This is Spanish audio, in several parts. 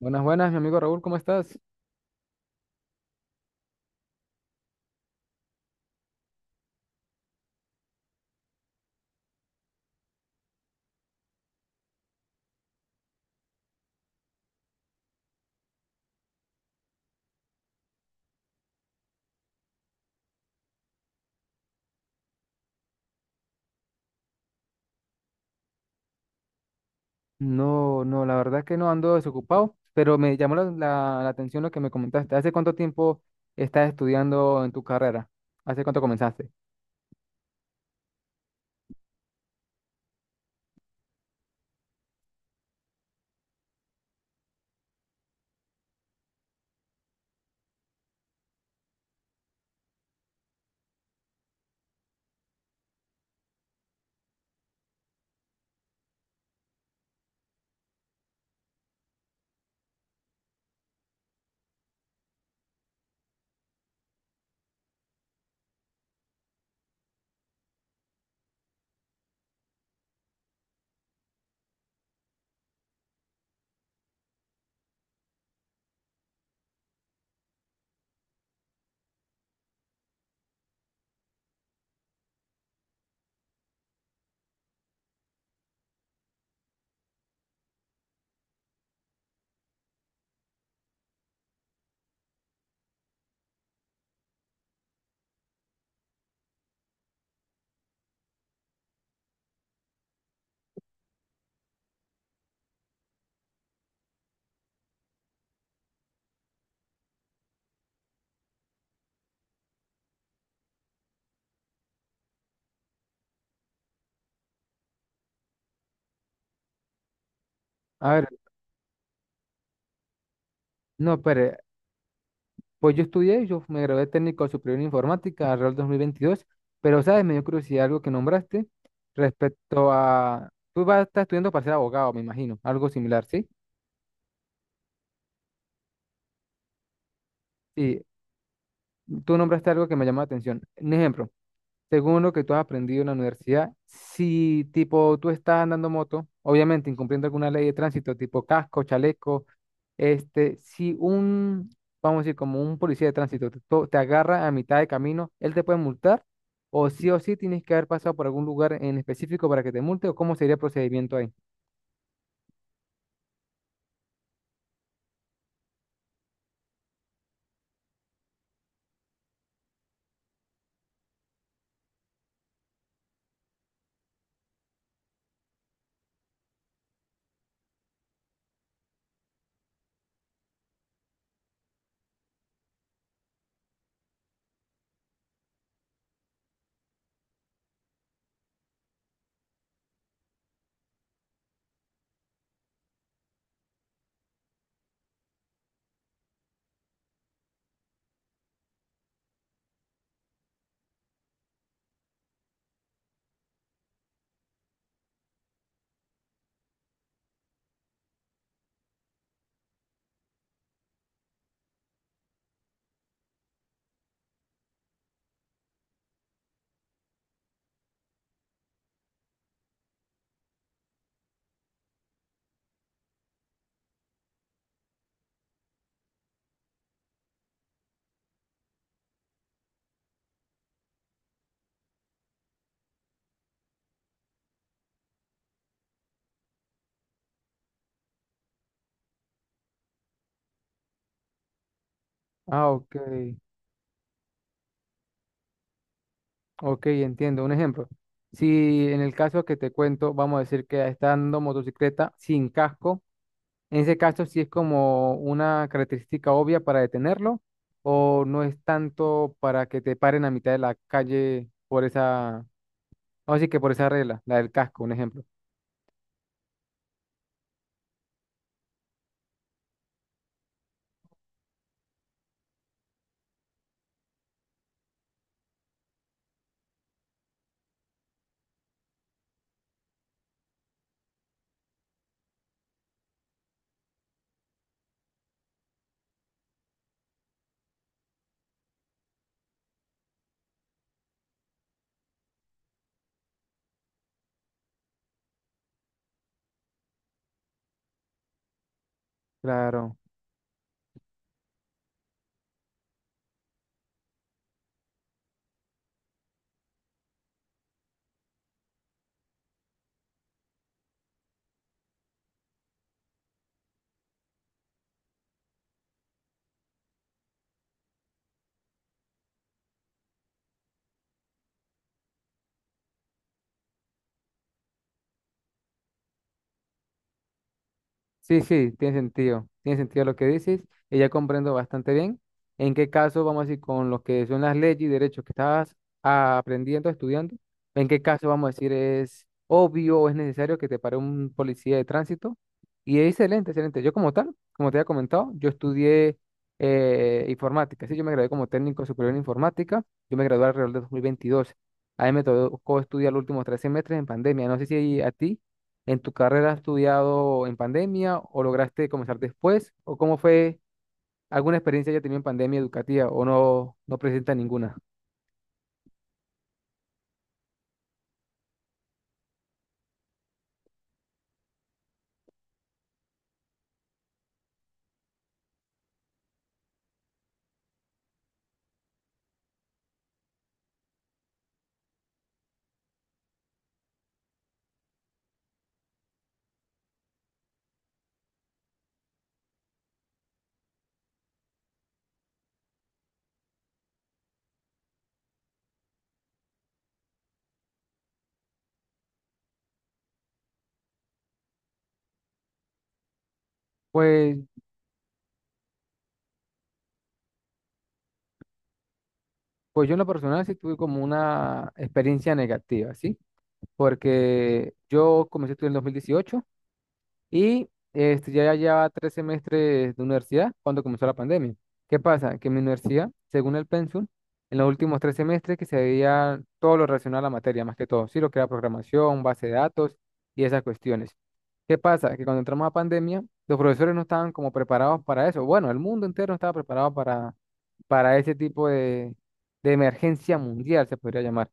Buenas, buenas, mi amigo Raúl, ¿cómo estás? No, no, la verdad que no ando desocupado, pero me llamó la atención lo que me comentaste. ¿Hace cuánto tiempo estás estudiando en tu carrera? ¿Hace cuánto comenzaste? A ver, no, pero pues yo me gradué de técnico superior en informática alrededor del 2022, pero sabes, me dio curiosidad algo que nombraste respecto a... Tú vas a estar estudiando para ser abogado, me imagino, algo similar, ¿sí? Sí, tú nombraste algo que me llamó la atención. Un ejemplo. Según lo que tú has aprendido en la universidad, si tipo tú estás andando moto, obviamente incumpliendo alguna ley de tránsito, tipo casco, chaleco, este, si un, vamos a decir, como un policía de tránsito te agarra a mitad de camino, ¿él te puede multar? O sí tienes que haber pasado por algún lugar en específico para que te multe? ¿O cómo sería el procedimiento ahí? Ah, ok, ok, entiendo. Un ejemplo. Si en el caso que te cuento, vamos a decir que está andando motocicleta sin casco. En ese caso, si es como una característica obvia para detenerlo, o no es tanto para que te paren a mitad de la calle por esa, vamos a que por esa regla, la del casco, un ejemplo. Claro. Sí, sí, tiene sentido. Tiene sentido lo que dices. Y ya comprendo bastante bien en qué caso, vamos a decir, con lo que son las leyes y derechos que estabas ah, aprendiendo, estudiando, en qué caso, vamos a decir, es obvio o es necesario que te pare un policía de tránsito. Y es excelente, excelente. Yo como tal, como te había comentado, yo estudié informática. Sí, yo me gradué como técnico superior en informática. Yo me gradué alrededor de 2022. A mí me tocó estudiar los últimos tres semestres en pandemia. No sé si a ti. ¿En tu carrera has estudiado en pandemia o lograste comenzar después? ¿O cómo fue alguna experiencia que tenido en pandemia educativa o no, no presenta ninguna? Pues, pues, yo en lo personal sí tuve como una experiencia negativa, ¿sí? Porque yo comencé a estudiar en 2018. Y este, ya llevaba tres semestres de universidad cuando comenzó la pandemia. ¿Qué pasa? Que en mi universidad, según el pensum, en los últimos tres semestres que se veía todo lo relacionado a la materia, más que todo, sí, lo que era programación, base de datos y esas cuestiones. ¿Qué pasa? Que cuando entramos a pandemia, los profesores no estaban como preparados para eso. Bueno, el mundo entero no estaba preparado para ese tipo de emergencia mundial, se podría llamar.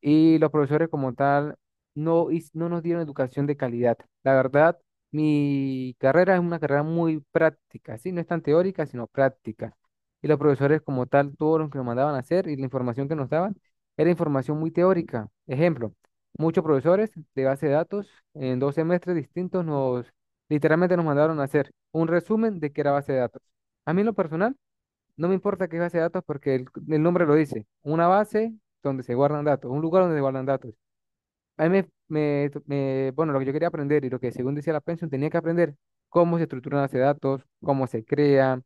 Y los profesores como tal no, no nos dieron educación de calidad. La verdad, mi carrera es una carrera muy práctica, ¿sí? No es tan teórica, sino práctica. Y los profesores como tal, todo lo que nos mandaban a hacer y la información que nos daban era información muy teórica. Ejemplo, muchos profesores de base de datos en dos semestres distintos nos literalmente nos mandaron a hacer un resumen de qué era base de datos. A mí en lo personal no me importa qué es base de datos porque el nombre lo dice, una base donde se guardan datos, un lugar donde se guardan datos. A mí me, bueno, lo que yo quería aprender y lo que según decía la pensión, tenía que aprender cómo se estructuran los datos, cómo se crean,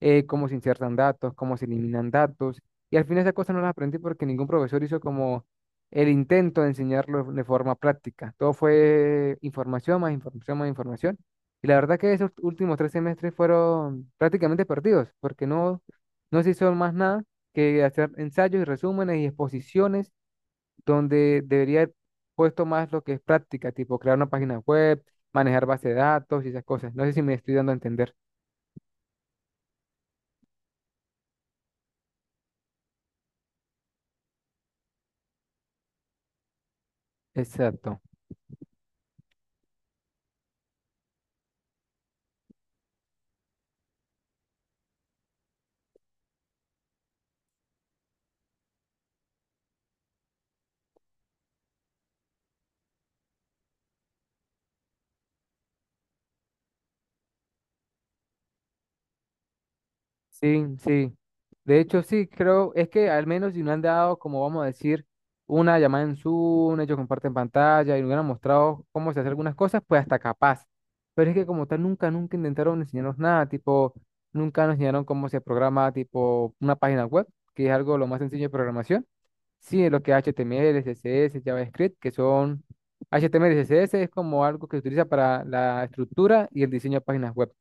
cómo se insertan datos, cómo se eliminan datos. Y al final esas cosas no las aprendí porque ningún profesor hizo como el intento de enseñarlo de forma práctica. Todo fue información, más información, más información. Y la verdad que esos últimos tres semestres fueron prácticamente perdidos porque no, no se hizo más nada que hacer ensayos y resúmenes y exposiciones donde debería haber puesto más lo que es práctica, tipo crear una página web, manejar base de datos y esas cosas. No sé si me estoy dando a entender. Exacto. Sí, sí. De hecho, sí, creo, es que al menos si no han dado, como vamos a decir, una llamada en Zoom, ellos comparten pantalla y nos han mostrado cómo se hace algunas cosas, pues hasta capaz. Pero es que como tal, nunca, nunca intentaron enseñarnos nada, tipo, nunca nos enseñaron cómo se programa, tipo, una página web, que es algo lo más sencillo de programación. Sí, lo que es HTML, CSS, JavaScript, que son HTML y CSS, es como algo que se utiliza para la estructura y el diseño de páginas web.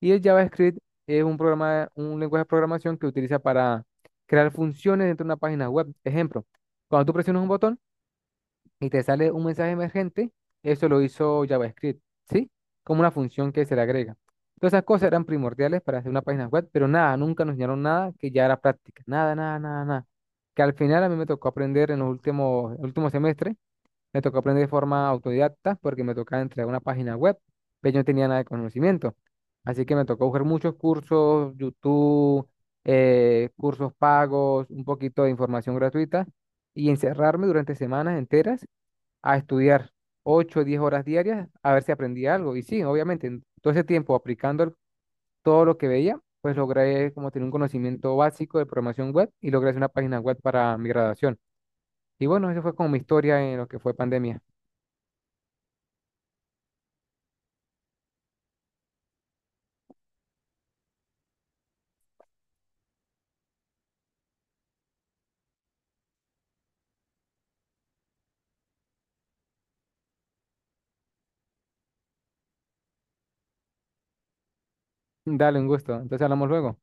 Y el JavaScript es un programa, un lenguaje de programación que utiliza para crear funciones dentro de una página web. Ejemplo, cuando tú presionas un botón y te sale un mensaje emergente, eso lo hizo JavaScript, ¿sí? Como una función que se le agrega. Todas esas cosas eran primordiales para hacer una página web, pero nada, nunca nos enseñaron nada que ya era práctica. Nada, nada, nada, nada. Que al final a mí me tocó aprender en los últimos, últimos semestres me tocó aprender de forma autodidacta porque me tocaba entrar a una página web, pero yo no tenía nada de conocimiento. Así que me tocó buscar muchos cursos, YouTube, cursos pagos, un poquito de información gratuita y encerrarme durante semanas enteras a estudiar ocho o 10 horas diarias a ver si aprendí algo. Y sí, obviamente, en todo ese tiempo aplicando todo lo que veía, pues logré como tener un conocimiento básico de programación web y logré hacer una página web para mi graduación. Y bueno, eso fue como mi historia en lo que fue pandemia. Dale, un gusto. Entonces hablamos luego.